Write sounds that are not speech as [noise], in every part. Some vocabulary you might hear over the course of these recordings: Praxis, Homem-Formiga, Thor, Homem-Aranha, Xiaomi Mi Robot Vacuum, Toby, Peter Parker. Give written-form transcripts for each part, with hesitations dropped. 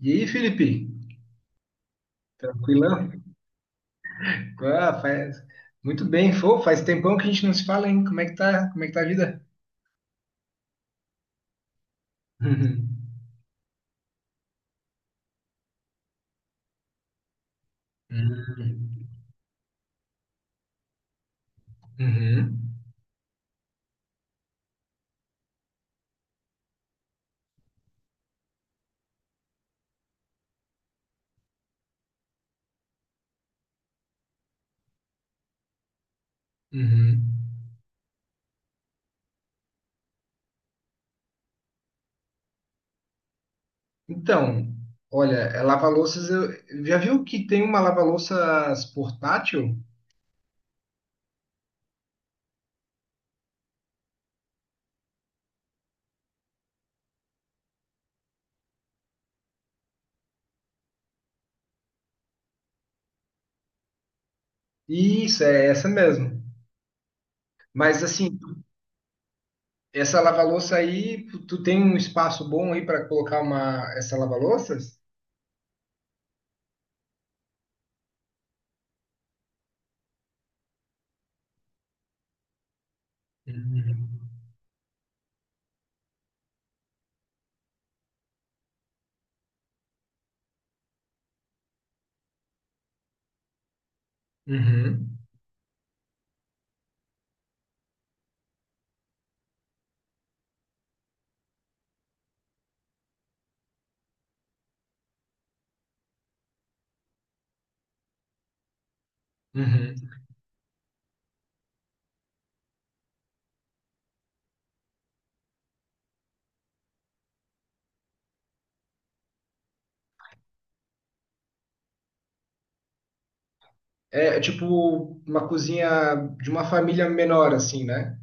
E aí, Felipe? Tranquilão? Ah, faz... Muito bem, pô, faz tempão que a gente não se fala, hein? Como é que tá? Como é que tá a vida? [laughs] Uhum. Uhum. Uhum. Uhum. Então, olha, lava-louças, já viu que tem uma lava-louças portátil? Isso, é essa mesmo. Mas assim, essa lava-louça aí, tu tem um espaço bom aí para colocar uma essa lava-louças? Uhum. Uhum. Uhum. É tipo uma cozinha de uma família menor, assim, né?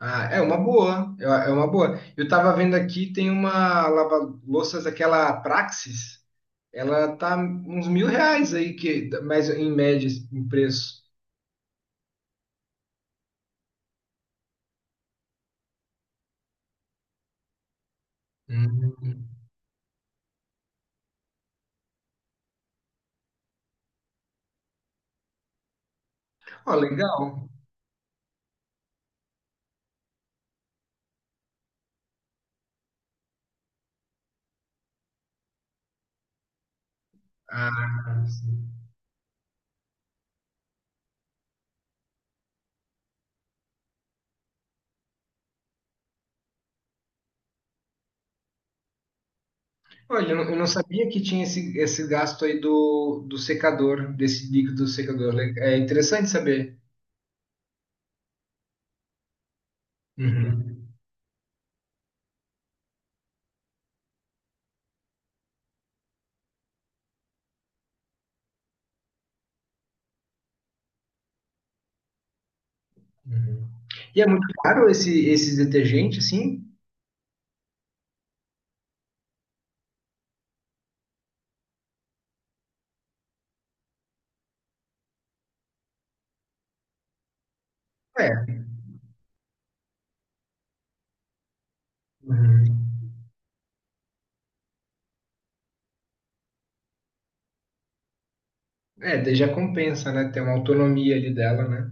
Ah, é uma boa, é uma boa. Eu tava vendo aqui, tem uma lava-louças, aquela Praxis, ela tá uns 1.000 reais aí, mas em média, em preço. Hum. Ó, legal. Ah, sim. Olha, eu não sabia que tinha esse gasto aí do secador, desse líquido secador. É interessante saber. Uhum. Uhum. E é muito caro esses detergentes, assim? É. Uhum. É, daí já compensa, né? Ter uma autonomia ali dela, né?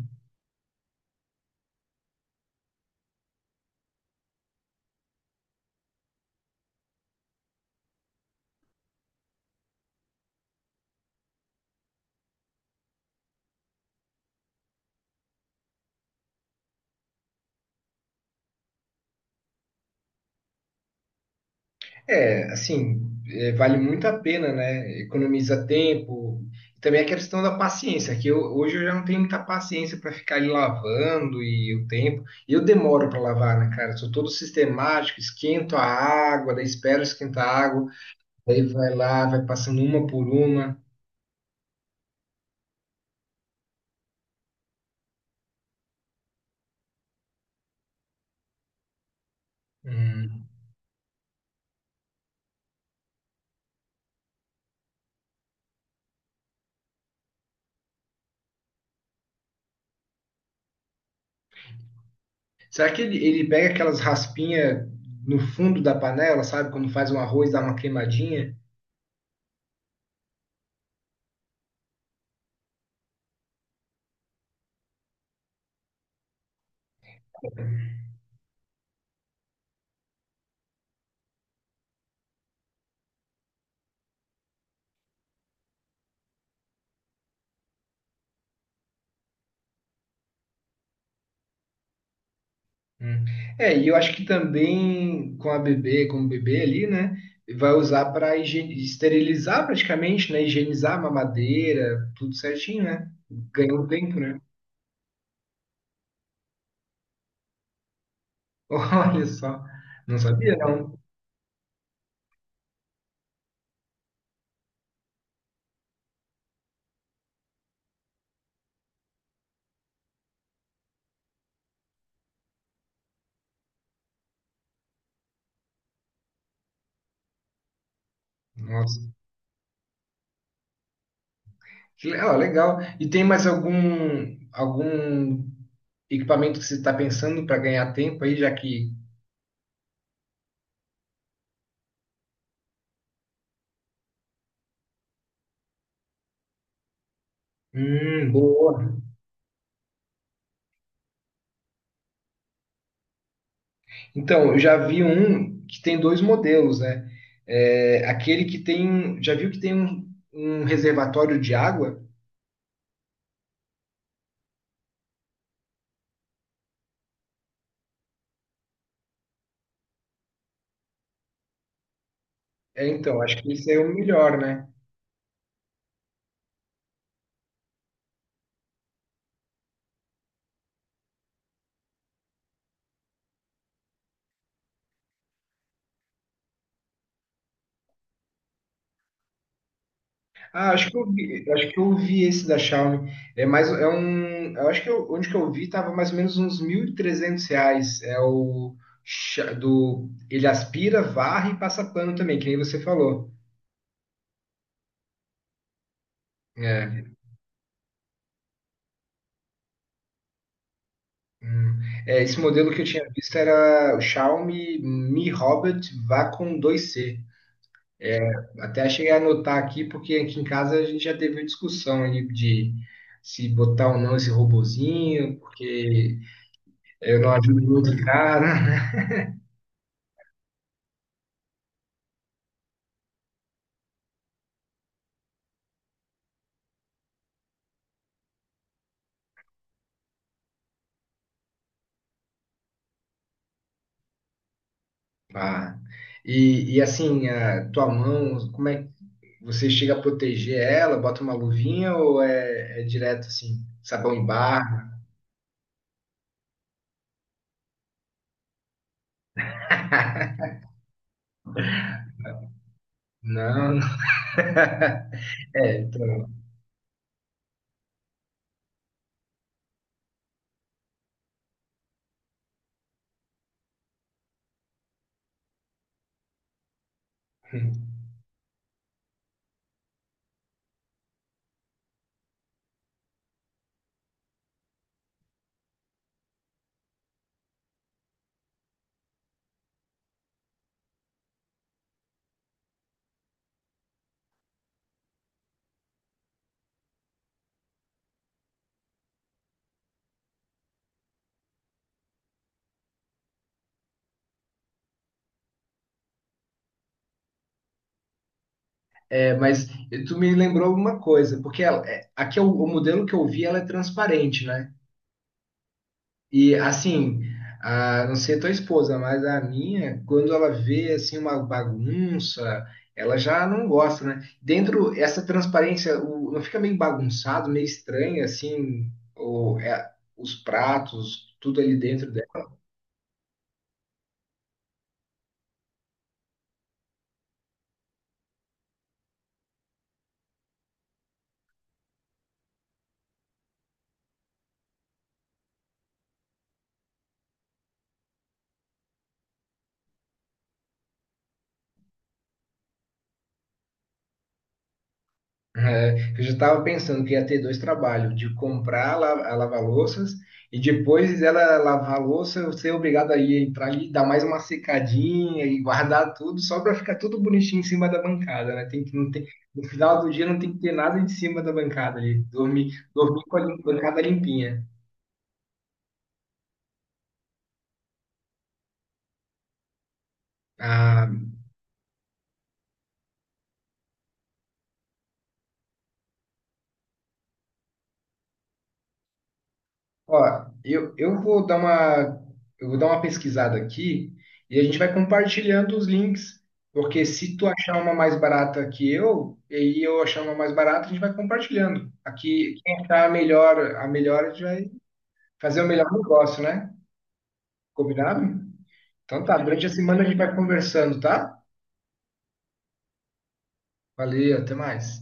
É, assim, é, vale muito a pena, né? Economiza tempo. Também a questão da paciência, hoje eu já não tenho muita paciência para ficar ali lavando e o tempo. E eu demoro para lavar, né, cara? Sou todo sistemático, esquento a água, daí espero esquentar a água, daí vai lá, vai passando uma por uma. Hum. Será que ele pega aquelas raspinhas no fundo da panela, sabe? Quando faz um arroz, dá uma queimadinha? Hum. É, e eu acho que também com a bebê, com o bebê ali, né? Vai usar para esterilizar praticamente, né? Higienizar a mamadeira, tudo certinho, né? Ganhou tempo, né? [laughs] Olha só, não sabia não. Nossa, ó, legal. E tem mais algum equipamento que você está pensando para ganhar tempo aí, já que? Boa. Então, eu já vi um que tem dois modelos, né? É, aquele que tem. Já viu que tem um reservatório de água? É, então, acho que esse é o melhor, né? Ah, acho que eu vi esse da Xiaomi. É mais, é um, eu acho que eu- onde que eu vi tava mais ou menos uns 1.300 reais. É o, ele aspira, varre e passa pano também, que nem você falou. É, hum. É, esse modelo que eu tinha visto era o Xiaomi Mi Robot Vacuum 2C. É, Até cheguei a anotar aqui, porque aqui em casa a gente já teve uma discussão aí de se botar ou não esse robozinho, porque eu não ajudo muito em casa. [laughs] Ah, e assim, a tua mão, como é que você chega a proteger ela? Bota uma luvinha ou é direto assim, sabão em barra? Não. [laughs] É, então. É, mas tu me lembrou uma coisa, porque ela, é, aqui é o modelo que eu vi, ela é transparente, né? E assim, a, não sei a tua esposa, mas a minha, quando ela vê assim uma bagunça, ela já não gosta, né? Dentro essa transparência, não fica meio bagunçado, meio estranho assim, o, é, os pratos, tudo ali dentro. É, eu já estava pensando que ia ter dois trabalhos, de comprar a lava-louças e depois ela lavar a louça, eu ser obrigado a ir entrar ali, dar mais uma secadinha e guardar tudo só para ficar tudo bonitinho em cima da bancada, né? Tem que não tem, no final do dia não tem que ter nada em cima da bancada ali, dormir com a bancada limpinha. Ah. Ó, eu vou dar eu vou dar uma pesquisada aqui e a gente vai compartilhando os links, porque se tu achar uma mais barata que eu, e eu achar uma mais barata, a gente vai compartilhando. Aqui, quem achar a melhor, a melhor, a gente vai fazer o melhor negócio, né? Combinado? Então tá, durante a semana a gente vai conversando, tá? Valeu, até mais.